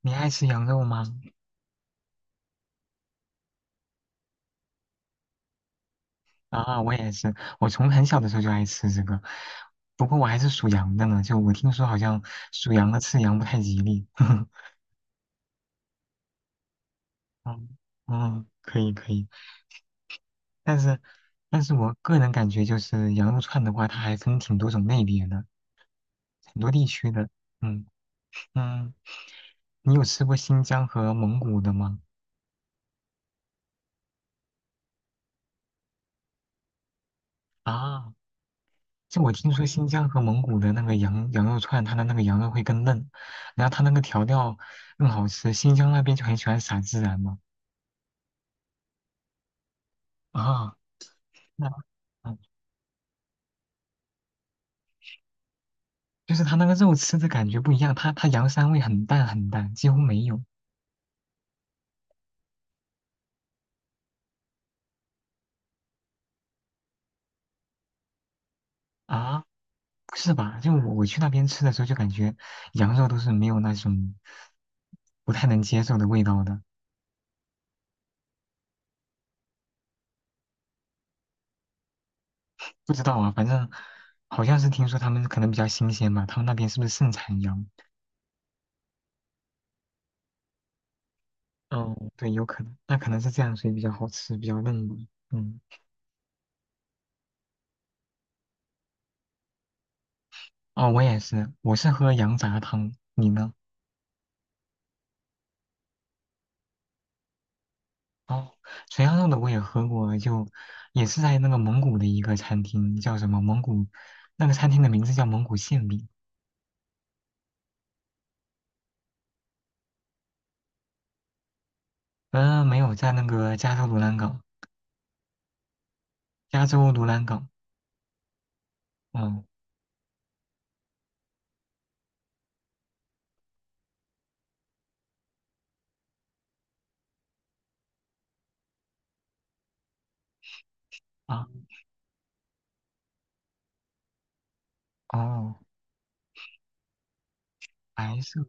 你爱吃羊肉吗？啊，我也是，我从很小的时候就爱吃这个，不过我还是属羊的呢，就我听说好像属羊的吃羊不太吉利。嗯嗯，可以可以，但是但是我个人感觉就是羊肉串的话，它还分挺多种类别的，很多地区的。嗯嗯，你有吃过新疆和蒙古的吗？啊，就我听说新疆和蒙古的那个羊肉串，它的那个羊肉会更嫩，然后它那个调料更好吃。新疆那边就很喜欢撒孜然嘛。啊，那嗯，就是它那个肉吃的感觉不一样，它羊膻味很淡很淡，几乎没有啊。不是吧？就我去那边吃的时候，就感觉羊肉都是没有那种不太能接受的味道的。不知道啊，反正好像是听说他们可能比较新鲜吧，他们那边是不是盛产羊？哦，对，有可能，那可能是这样，所以比较好吃，比较嫩嘛。嗯，哦，我也是，我是喝羊杂汤，你呢？哦，垂羊肉的我也喝过，就也是在那个蒙古的一个餐厅，叫什么蒙古，那个餐厅的名字叫蒙古馅饼。嗯、没有，在那个加州卢兰港，加州卢兰港。嗯啊，哦，白色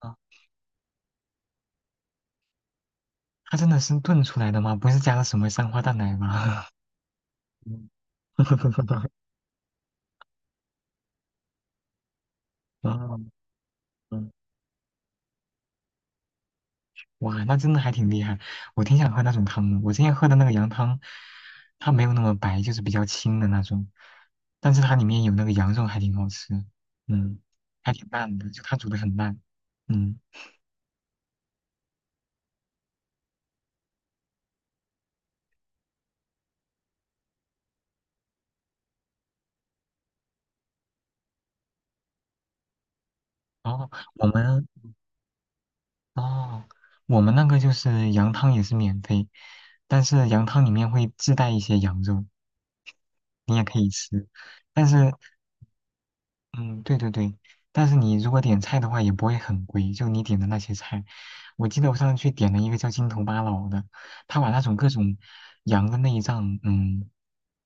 啊，它真的是炖出来的吗？不是加了什么三花淡奶吗？嗯，啊，嗯哇，那真的还挺厉害。我挺想喝那种汤的。我之前喝的那个羊汤，它没有那么白，就是比较清的那种，但是它里面有那个羊肉，还挺好吃。嗯，还挺烂的，就它煮的很烂。嗯，然后我们哦，我们那个就是羊汤也是免费，但是羊汤里面会自带一些羊肉，你也可以吃，但是嗯，对对对，但是你如果点菜的话，也不会很贵。就你点的那些菜，我记得我上次去点了一个叫筋头巴脑的，他把那种各种羊的内脏，嗯，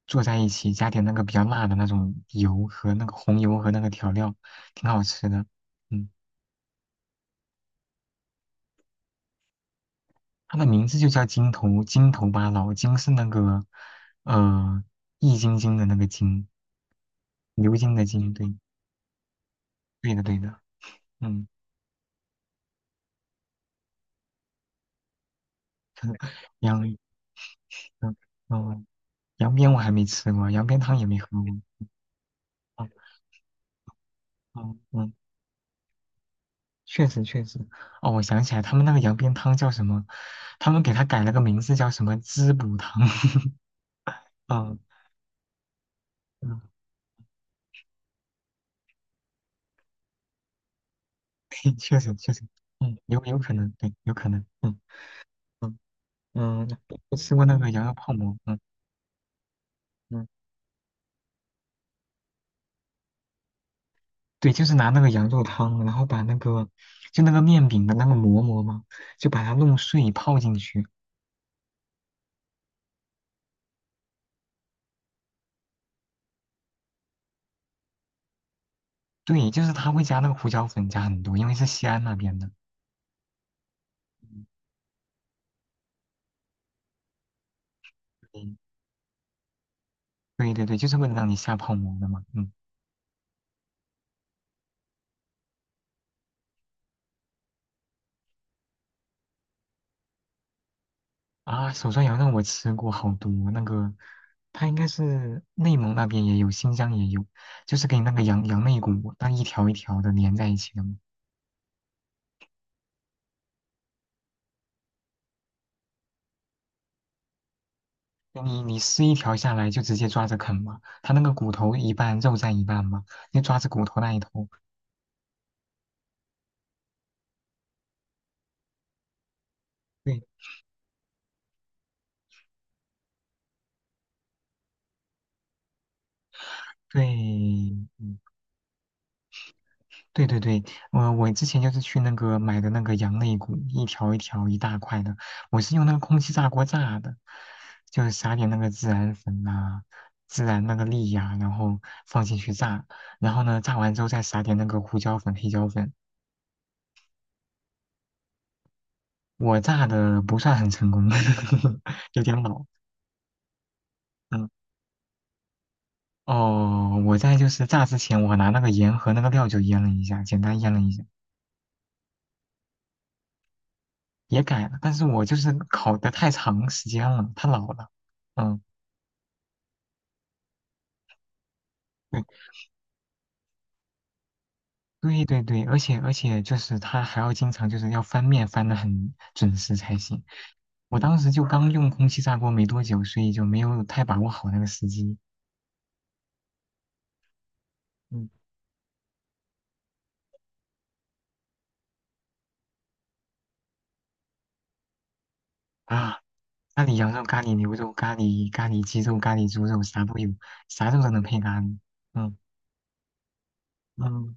做在一起，加点那个比较辣的那种油和那个红油和那个调料，挺好吃的。嗯，它的名字就叫筋头巴脑，筋是那个呃易筋经的那个筋，牛筋的筋，对，对的，嗯，羊，嗯。哦，羊鞭我还没吃过，羊鞭汤也没喝过。哦，嗯嗯，确实确实。哦，我想起来，他们那个羊鞭汤叫什么？他们给它改了个名字，叫什么滋补汤。嗯嗯，对，确实确实，嗯，有可能，对，有可能。嗯嗯嗯，我吃过那个羊肉泡馍。嗯嗯，对，就是拿那个羊肉汤，然后把那个就那个面饼的那个馍馍嘛，就把它弄碎泡进去。对，就是他会加那个胡椒粉，加很多，因为是西安那边的。嗯嗯对对对，就是为了让你下泡馍的嘛。嗯，啊，手抓羊肉我吃过好多，那个它应该是内蒙那边也有，新疆也有，就是给你那个羊肋骨，那一条一条的连在一起的嘛。你撕一条下来就直接抓着啃嘛，它那个骨头一半，肉占一半嘛，你抓着骨头那一头。对对，嗯对对对，我之前就是去那个买的那个羊肋骨，一条一条一大块的，我是用那个空气炸锅炸的，就是撒点那个孜然粉呐、孜然那个粒呀、然后放进去炸，然后呢炸完之后再撒点那个胡椒粉、黑椒粉。我炸的不算很成功，有点老。嗯，哦，我在就是炸之前，我拿那个盐和那个料酒腌了一下，简单腌了一下，也改了，但是我就是烤的太长时间了，太老了。嗯。对对对对，而且就是他还要经常就是要翻面翻的很准时才行。我当时就刚用空气炸锅没多久，所以就没有太把握好那个时机。嗯啊，咖喱羊肉、咖喱牛肉、咖喱鸡肉、咖喱猪肉，啥都有，啥肉都能配咖喱。嗯嗯，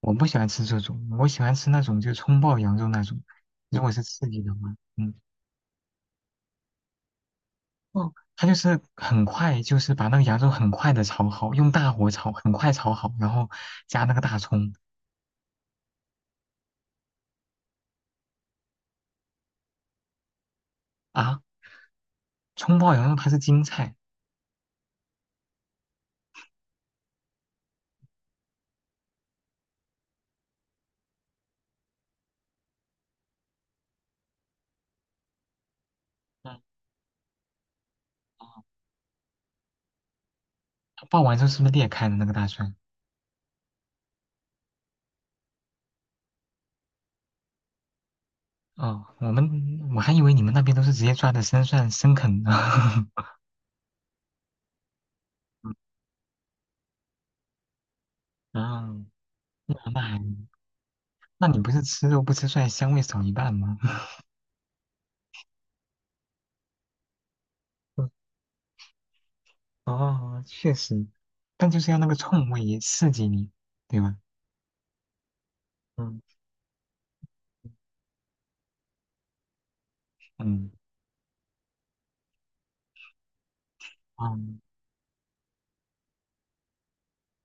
我不喜欢吃这种，我喜欢吃那种就葱爆羊肉那种，如果是刺激的话，嗯。哦，他就是很快，就是把那个羊肉很快的炒好，用大火炒，很快炒好，然后加那个大葱啊，葱爆羊肉它是京菜，嗯，哦它爆完之后是不是裂开的那个大蒜？哦，我们我还以为你们那边都是直接抓的生蒜生啃的，嗯，那还那你不是吃肉不吃蒜，香味少一半吗？哦，确实，但就是要那个冲味也刺激你，对吧？嗯嗯，哦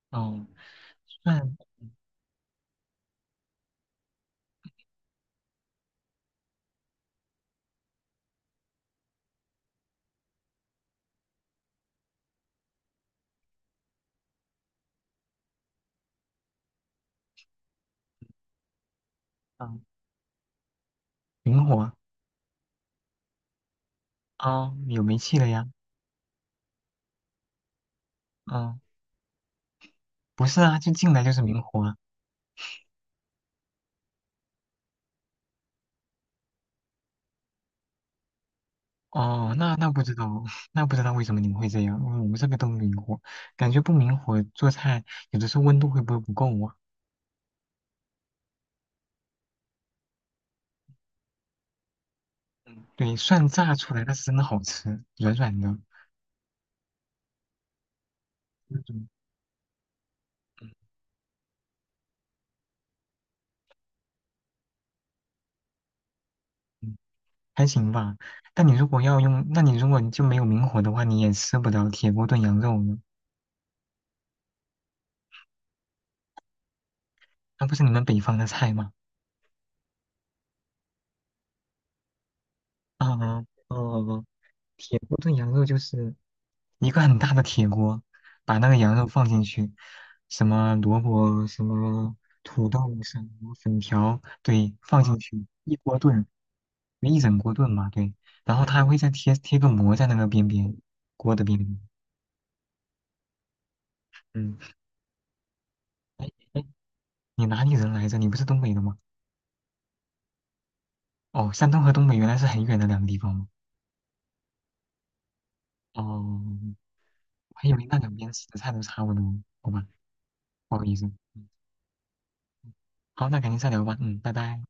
哦，蒜，嗯，灵活。哦，有煤气了呀？哦，不是啊，就进来就是明火啊。哦，那不知道，那不知道为什么你们会这样。嗯我们这边都明火，感觉不明火做菜有的时候温度会不会不够啊？嗯，对，蒜炸出来那是真的好吃，软软的，那种嗯嗯，还行吧。但你如果要用，那你如果你就没有明火的话，你也吃不了铁锅炖羊肉呢。那不是你们北方的菜吗？啊哦哦，铁锅炖羊肉就是一个很大的铁锅，把那个羊肉放进去，什么萝卜、什么土豆、什么粉条，对，放进去一锅炖，一整锅炖嘛，对。然后他还会再贴个膜在那个边边，锅的边边。嗯，哎哎，你哪里人来着？你不是东北的吗？哦，山东和东北原来是很远的两个地方吗？哦，我还以为那两边吃的菜都差不多，好吧，不好意思。嗯好，那改天再聊吧。嗯，拜拜。